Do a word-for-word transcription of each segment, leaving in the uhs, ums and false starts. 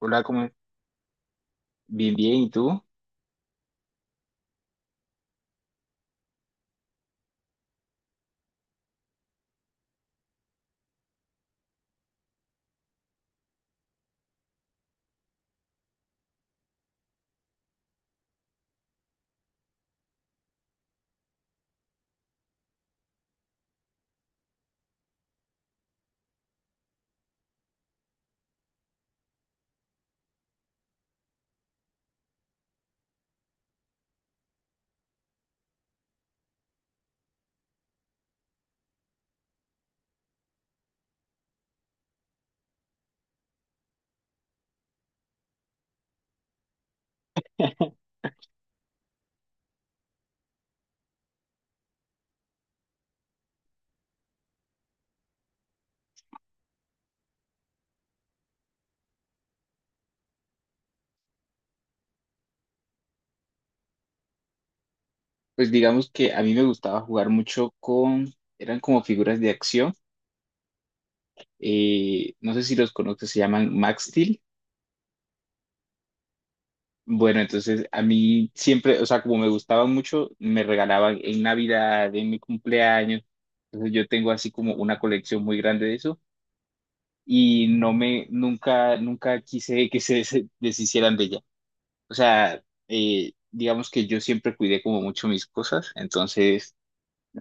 Hola, ¿cómo? Bien, bien, ¿y tú? Pues digamos que a mí me gustaba jugar mucho con, eran como figuras de acción, eh, no sé si los conoces, se llaman Max Steel. Bueno, entonces a mí siempre, o sea, como me gustaban mucho, me regalaban en Navidad, en mi cumpleaños, entonces yo tengo así como una colección muy grande de eso y no me, nunca, nunca quise que se se deshicieran de ella. O sea, eh, digamos que yo siempre cuidé como mucho mis cosas, entonces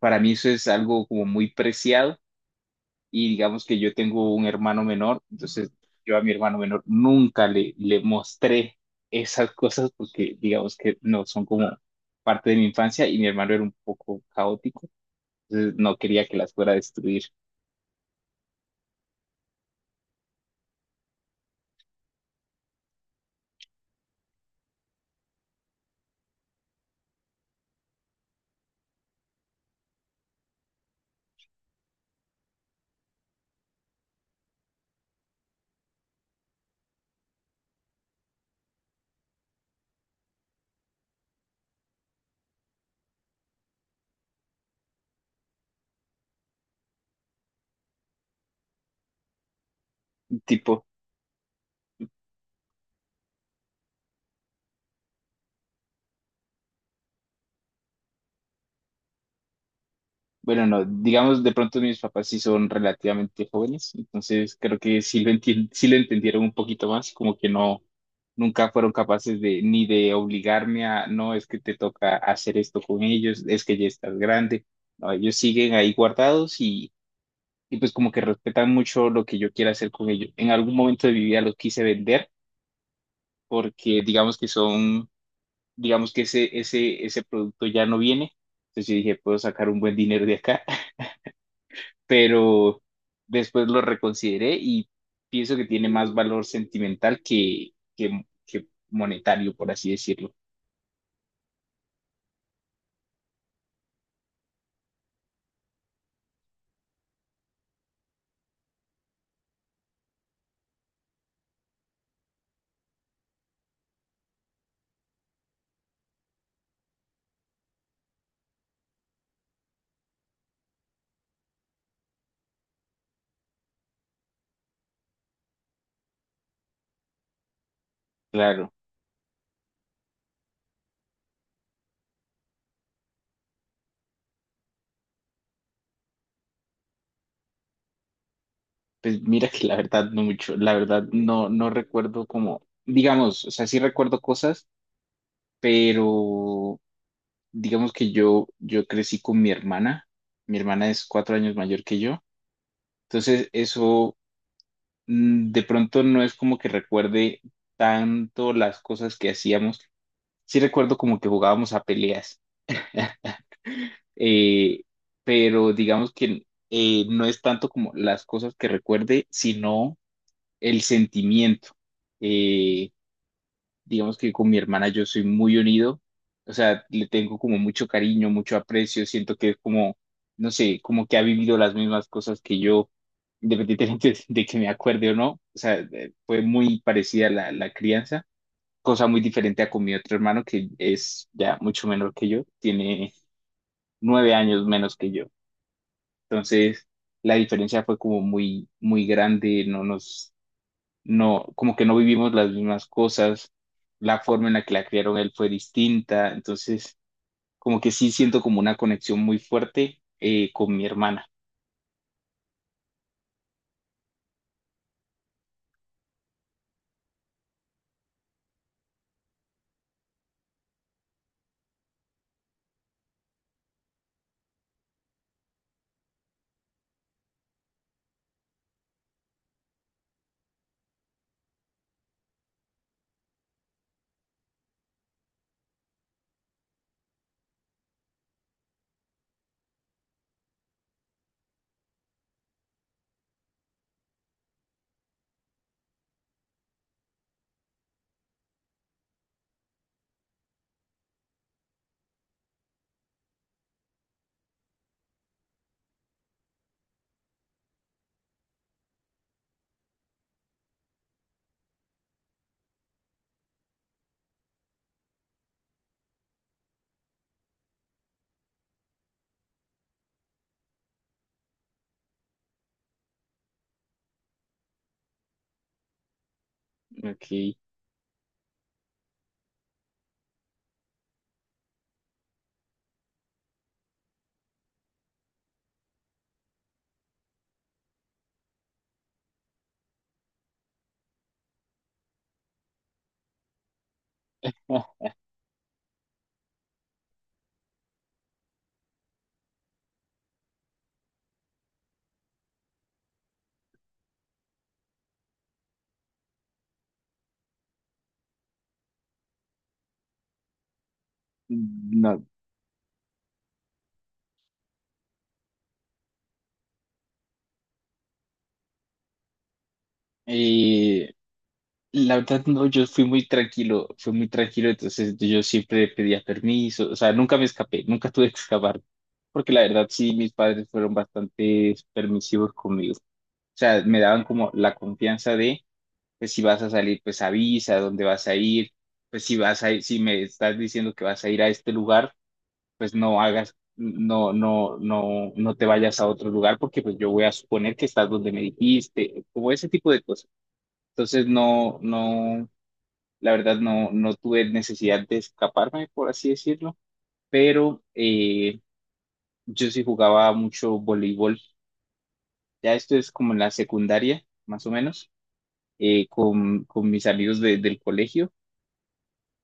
para mí eso es algo como muy preciado y digamos que yo tengo un hermano menor, entonces yo a mi hermano menor nunca le, le mostré esas cosas porque digamos que no son como parte de mi infancia y mi hermano era un poco caótico, entonces no quería que las fuera a destruir, tipo. Bueno, no, digamos, de pronto mis papás sí son relativamente jóvenes, entonces creo que sí lo entien- sí lo entendieron un poquito más, como que no, nunca fueron capaces de, ni de obligarme a, no, es que te toca hacer esto con ellos, es que ya estás grande. No, ellos siguen ahí guardados y, y pues como que respetan mucho lo que yo quiera hacer con ellos. En algún momento de mi vida los quise vender porque digamos que son, digamos que ese, ese, ese producto ya no viene, entonces yo dije, puedo sacar un buen dinero de acá. Pero después lo reconsideré y pienso que tiene más valor sentimental que, que, que monetario, por así decirlo. Claro, pues mira que la verdad no mucho, la verdad no, no recuerdo como, digamos, o sea, sí recuerdo cosas, pero digamos que yo, yo crecí con mi hermana, mi hermana es cuatro años mayor que yo, entonces eso, mm, de pronto no es como que recuerde tanto las cosas que hacíamos, sí recuerdo como que jugábamos a peleas. Eh, pero digamos que eh, no es tanto como las cosas que recuerde, sino el sentimiento. Eh, digamos que con mi hermana yo soy muy unido, o sea, le tengo como mucho cariño, mucho aprecio, siento que es como, no sé, como que ha vivido las mismas cosas que yo, independientemente de que me acuerde o no, o sea, eh, fue muy parecida la, la crianza, cosa muy diferente a con mi otro hermano que es ya mucho menor que yo, tiene nueve años menos que yo. Entonces, la diferencia fue como muy, muy grande, no nos, no, como que no vivimos las mismas cosas, la forma en la que la criaron él fue distinta, entonces, como que sí siento como una conexión muy fuerte eh, con mi hermana. Ok. Ah, no. Eh, la verdad, no, yo fui muy tranquilo, fui muy tranquilo, entonces yo siempre pedía permiso, o sea, nunca me escapé, nunca tuve que escapar, porque la verdad sí, mis padres fueron bastante permisivos conmigo. O sea, me daban como la confianza de, pues si vas a salir, pues avisa dónde vas a ir, pues si vas a ir, si me estás diciendo que vas a ir a este lugar, pues no hagas, no, no, no, no te vayas a otro lugar porque pues yo voy a suponer que estás donde me dijiste, como ese tipo de cosas. Entonces no, no, la verdad no, no tuve necesidad de escaparme, por así decirlo, pero eh, yo sí jugaba mucho voleibol. Ya esto es como en la secundaria, más o menos eh, con, con mis amigos de- del colegio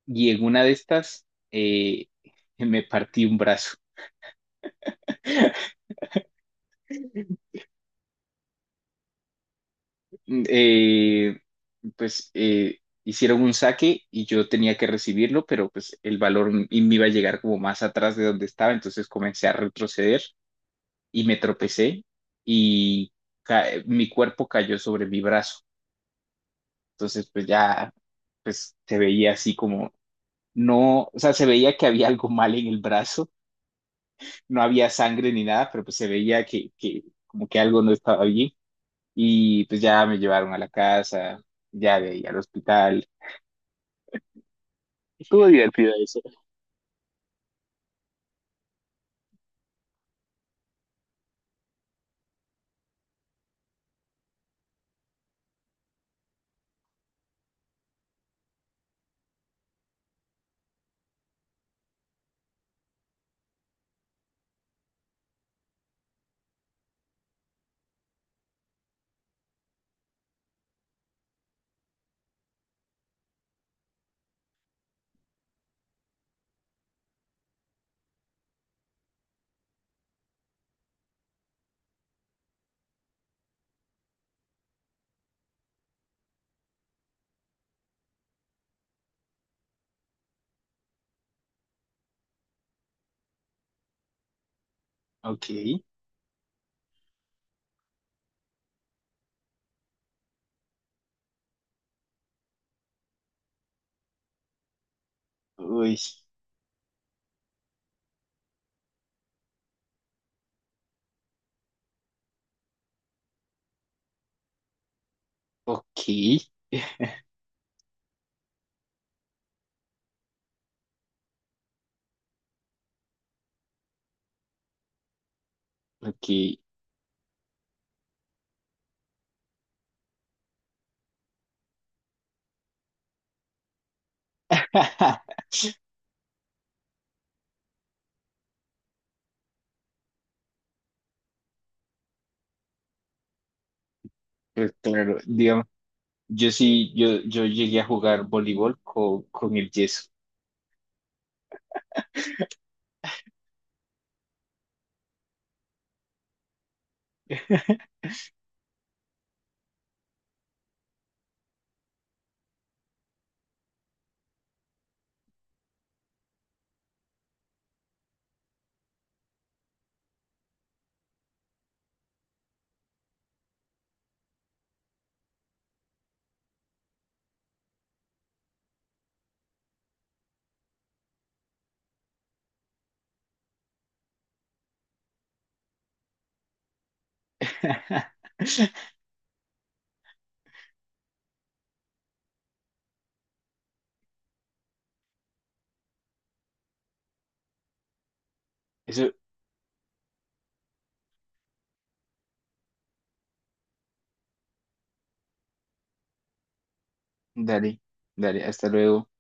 y en una de estas eh, me partí un brazo. Mm, Eh, pues eh, hicieron un saque y yo tenía que recibirlo, pero pues el balón y me iba a llegar como más atrás de donde estaba, entonces comencé a retroceder y me tropecé y ca- eh, mi cuerpo cayó sobre mi brazo. Entonces pues ya pues se veía así como no, o sea, se veía que había algo mal en el brazo, no había sangre ni nada, pero pues se veía que, que como que algo no estaba allí y pues ya me llevaron a la casa, ya de ahí al hospital. Ok, uy, ok, ok. Pues claro, digamos, yo sí, yo, yo llegué a jugar voleibol con, con el yeso. Eso, dale, dale, hasta luego.